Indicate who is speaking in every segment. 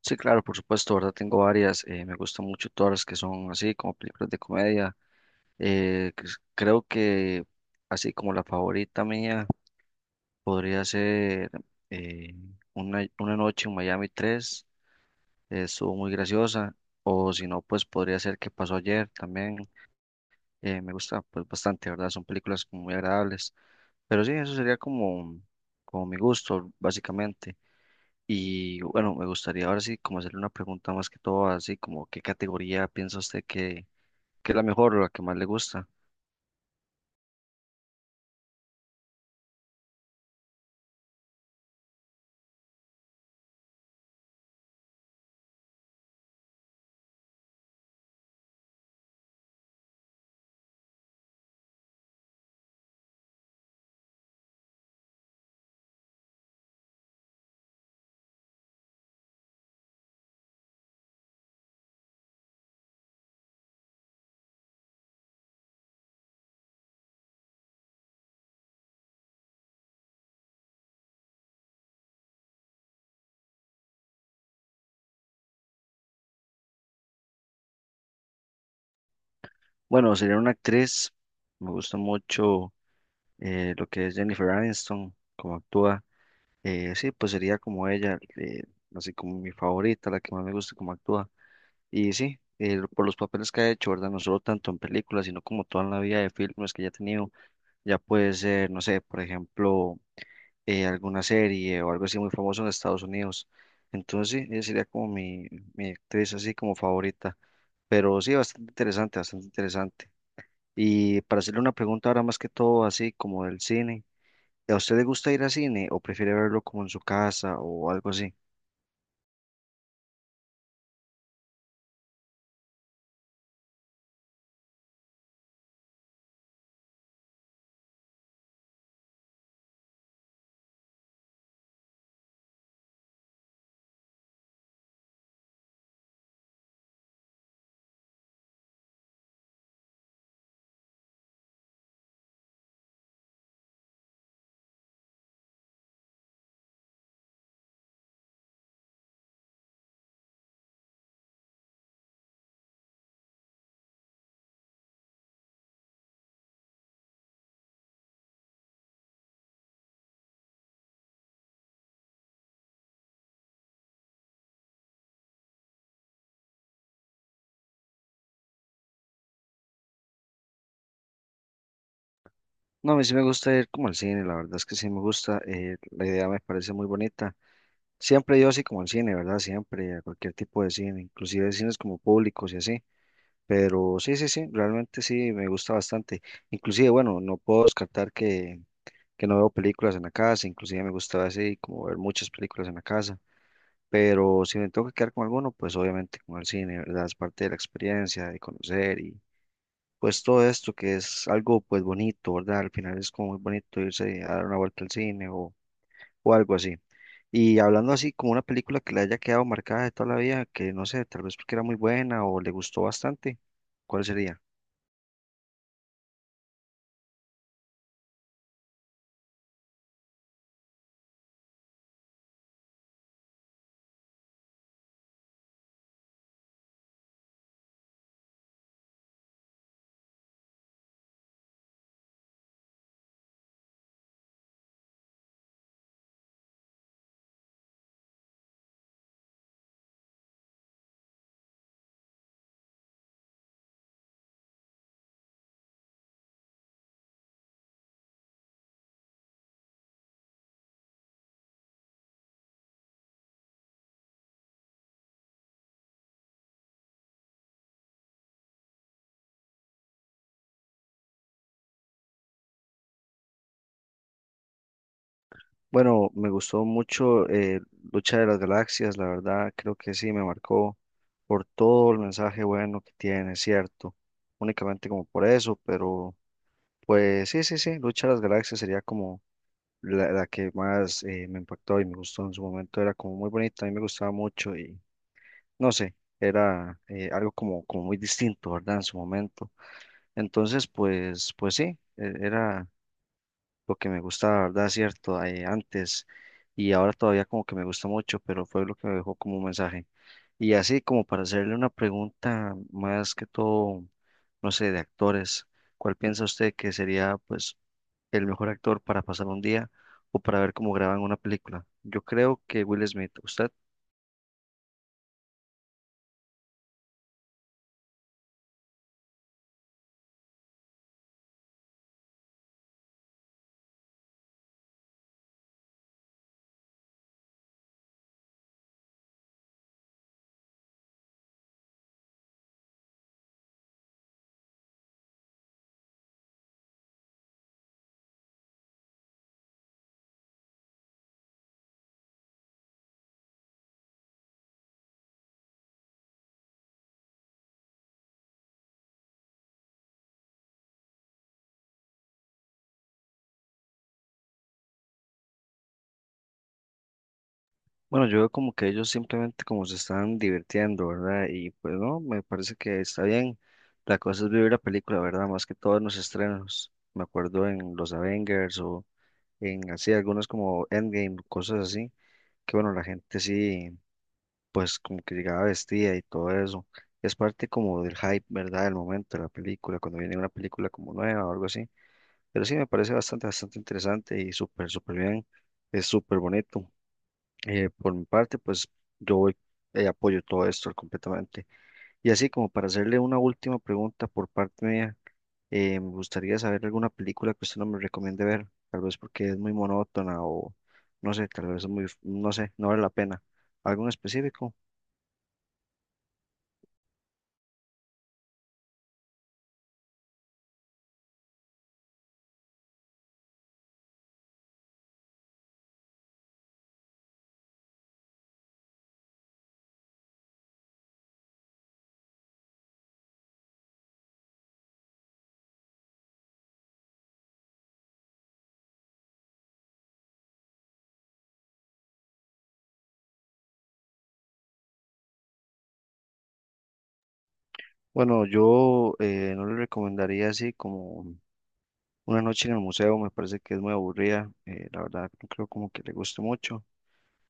Speaker 1: Sí, claro, por supuesto, ¿verdad? Tengo varias. Me gustan mucho todas las que son así, como películas de comedia. Creo que así como la favorita mía podría ser eh, una noche en Miami 3, estuvo muy graciosa. O si no, pues podría ser que pasó ayer también. Me gusta pues bastante, ¿verdad? Son películas como muy agradables. Pero sí, eso sería como, como mi gusto, básicamente. Y bueno, me gustaría ahora sí como hacerle una pregunta más que todo, así como qué categoría piensa usted que es la mejor o la que más le gusta. Bueno, sería una actriz, me gusta mucho lo que es Jennifer Aniston, cómo actúa. Sí, pues sería como ella, así como mi favorita, la que más me gusta cómo actúa. Y sí, por los papeles que ha hecho, ¿verdad? No solo tanto en películas, sino como toda la vida de filmes que ya ha tenido. Ya puede ser, no sé, por ejemplo alguna serie o algo así muy famoso en Estados Unidos. Entonces, sí, ella sería como mi actriz así como favorita. Pero sí, bastante interesante, bastante interesante. Y para hacerle una pregunta ahora más que todo así como del cine, ¿a usted le gusta ir al cine o prefiere verlo como en su casa o algo así? No, a mí sí me gusta ir como al cine, la verdad es que sí me gusta, la idea me parece muy bonita. Siempre yo así como al cine, ¿verdad? Siempre, a cualquier tipo de cine, inclusive cines como públicos y así. Pero sí, sí, sí, realmente sí, me gusta bastante. Inclusive, bueno, no puedo descartar que no veo películas en la casa, inclusive me gusta así como ver muchas películas en la casa, pero si me tengo que quedar con alguno, pues obviamente con el cine, ¿verdad? Es parte de la experiencia, de conocer y pues todo esto que es algo pues bonito, ¿verdad? Al final es como muy bonito irse a dar una vuelta al cine o algo así. Y hablando así como una película que le haya quedado marcada de toda la vida, que no sé, tal vez porque era muy buena o le gustó bastante, ¿cuál sería? Bueno, me gustó mucho Lucha de las Galaxias, la verdad, creo que sí, me marcó por todo el mensaje bueno que tiene, cierto, únicamente como por eso, pero pues sí, sí, sí, Lucha de las Galaxias sería como la que más me impactó y me gustó en su momento, era como muy bonita, a mí me gustaba mucho y no sé, era algo como, como muy distinto, ¿verdad? En su momento. Entonces, pues, pues sí, era lo que me gustaba, ¿verdad? Cierto, antes y ahora todavía como que me gusta mucho, pero fue lo que me dejó como un mensaje. Y así como para hacerle una pregunta más que todo, no sé, de actores, ¿cuál piensa usted que sería pues el mejor actor para pasar un día o para ver cómo graban una película? Yo creo que Will Smith, ¿usted? Bueno, yo veo como que ellos simplemente como se están divirtiendo, ¿verdad? Y pues no, me parece que está bien. La cosa es vivir la película, ¿verdad? Más que todo en los estrenos. Me acuerdo en los Avengers o en así, algunos como Endgame, cosas así, que bueno, la gente sí, pues como que llegaba vestida y todo eso. Es parte como del hype, ¿verdad? Del momento de la película, cuando viene una película como nueva o algo así. Pero sí, me parece bastante, bastante interesante y súper, súper bien. Es súper bonito. Por mi parte, pues yo voy- apoyo todo esto completamente. Y así como para hacerle una última pregunta por parte mía, me gustaría saber alguna película que usted no me recomiende ver, tal vez porque es muy monótona o no sé, tal vez es muy, no sé, no vale la pena. ¿Algo en específico? Bueno, yo no le recomendaría así como Una noche en el museo, me parece que es muy aburrida, la verdad no creo como que le guste mucho.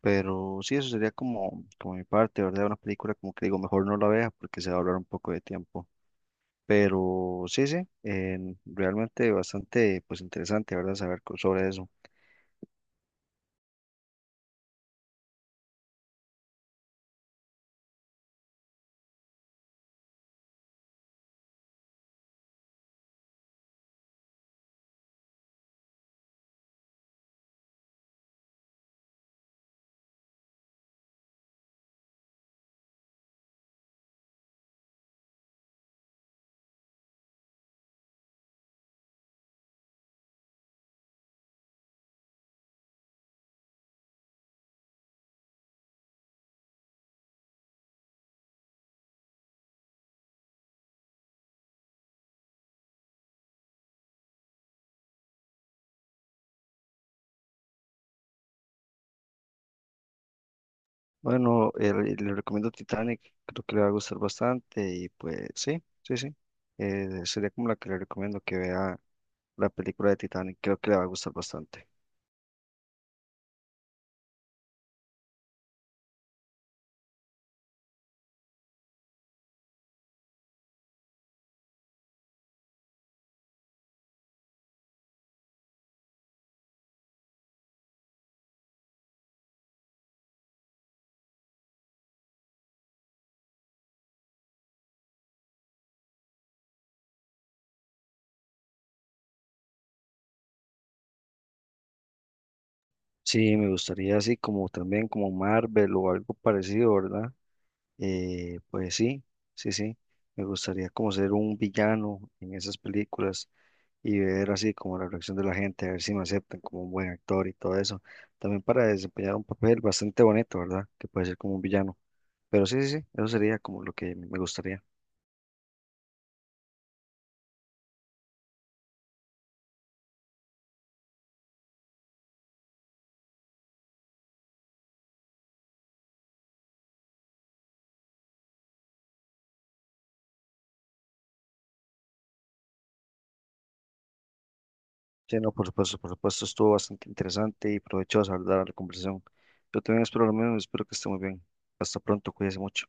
Speaker 1: Pero sí, eso sería como, como mi parte, ¿verdad? Una película como que digo, mejor no la vea porque se va a hablar un poco de tiempo. Pero sí, sí, realmente bastante pues interesante, ¿verdad? Saber sobre eso. Bueno, le recomiendo Titanic, creo que le va a gustar bastante y pues sí, sí, sí. Sería como la que le recomiendo que vea la película de Titanic, creo que le va a gustar bastante. Sí, me gustaría así como también como Marvel o algo parecido, ¿verdad? Pues sí, sí, sí. Me gustaría como ser un villano en esas películas y ver así como la reacción de la gente, a ver si me aceptan como un buen actor y todo eso. También para desempeñar un papel bastante bonito, ¿verdad? Que puede ser como un villano. Pero sí, sí, sí, eso sería como lo que me gustaría. Sí, no, por supuesto, estuvo bastante interesante y provechosa, ¿verdad? La conversación. Yo también espero lo mismo, espero que esté muy bien. Hasta pronto, cuídese mucho.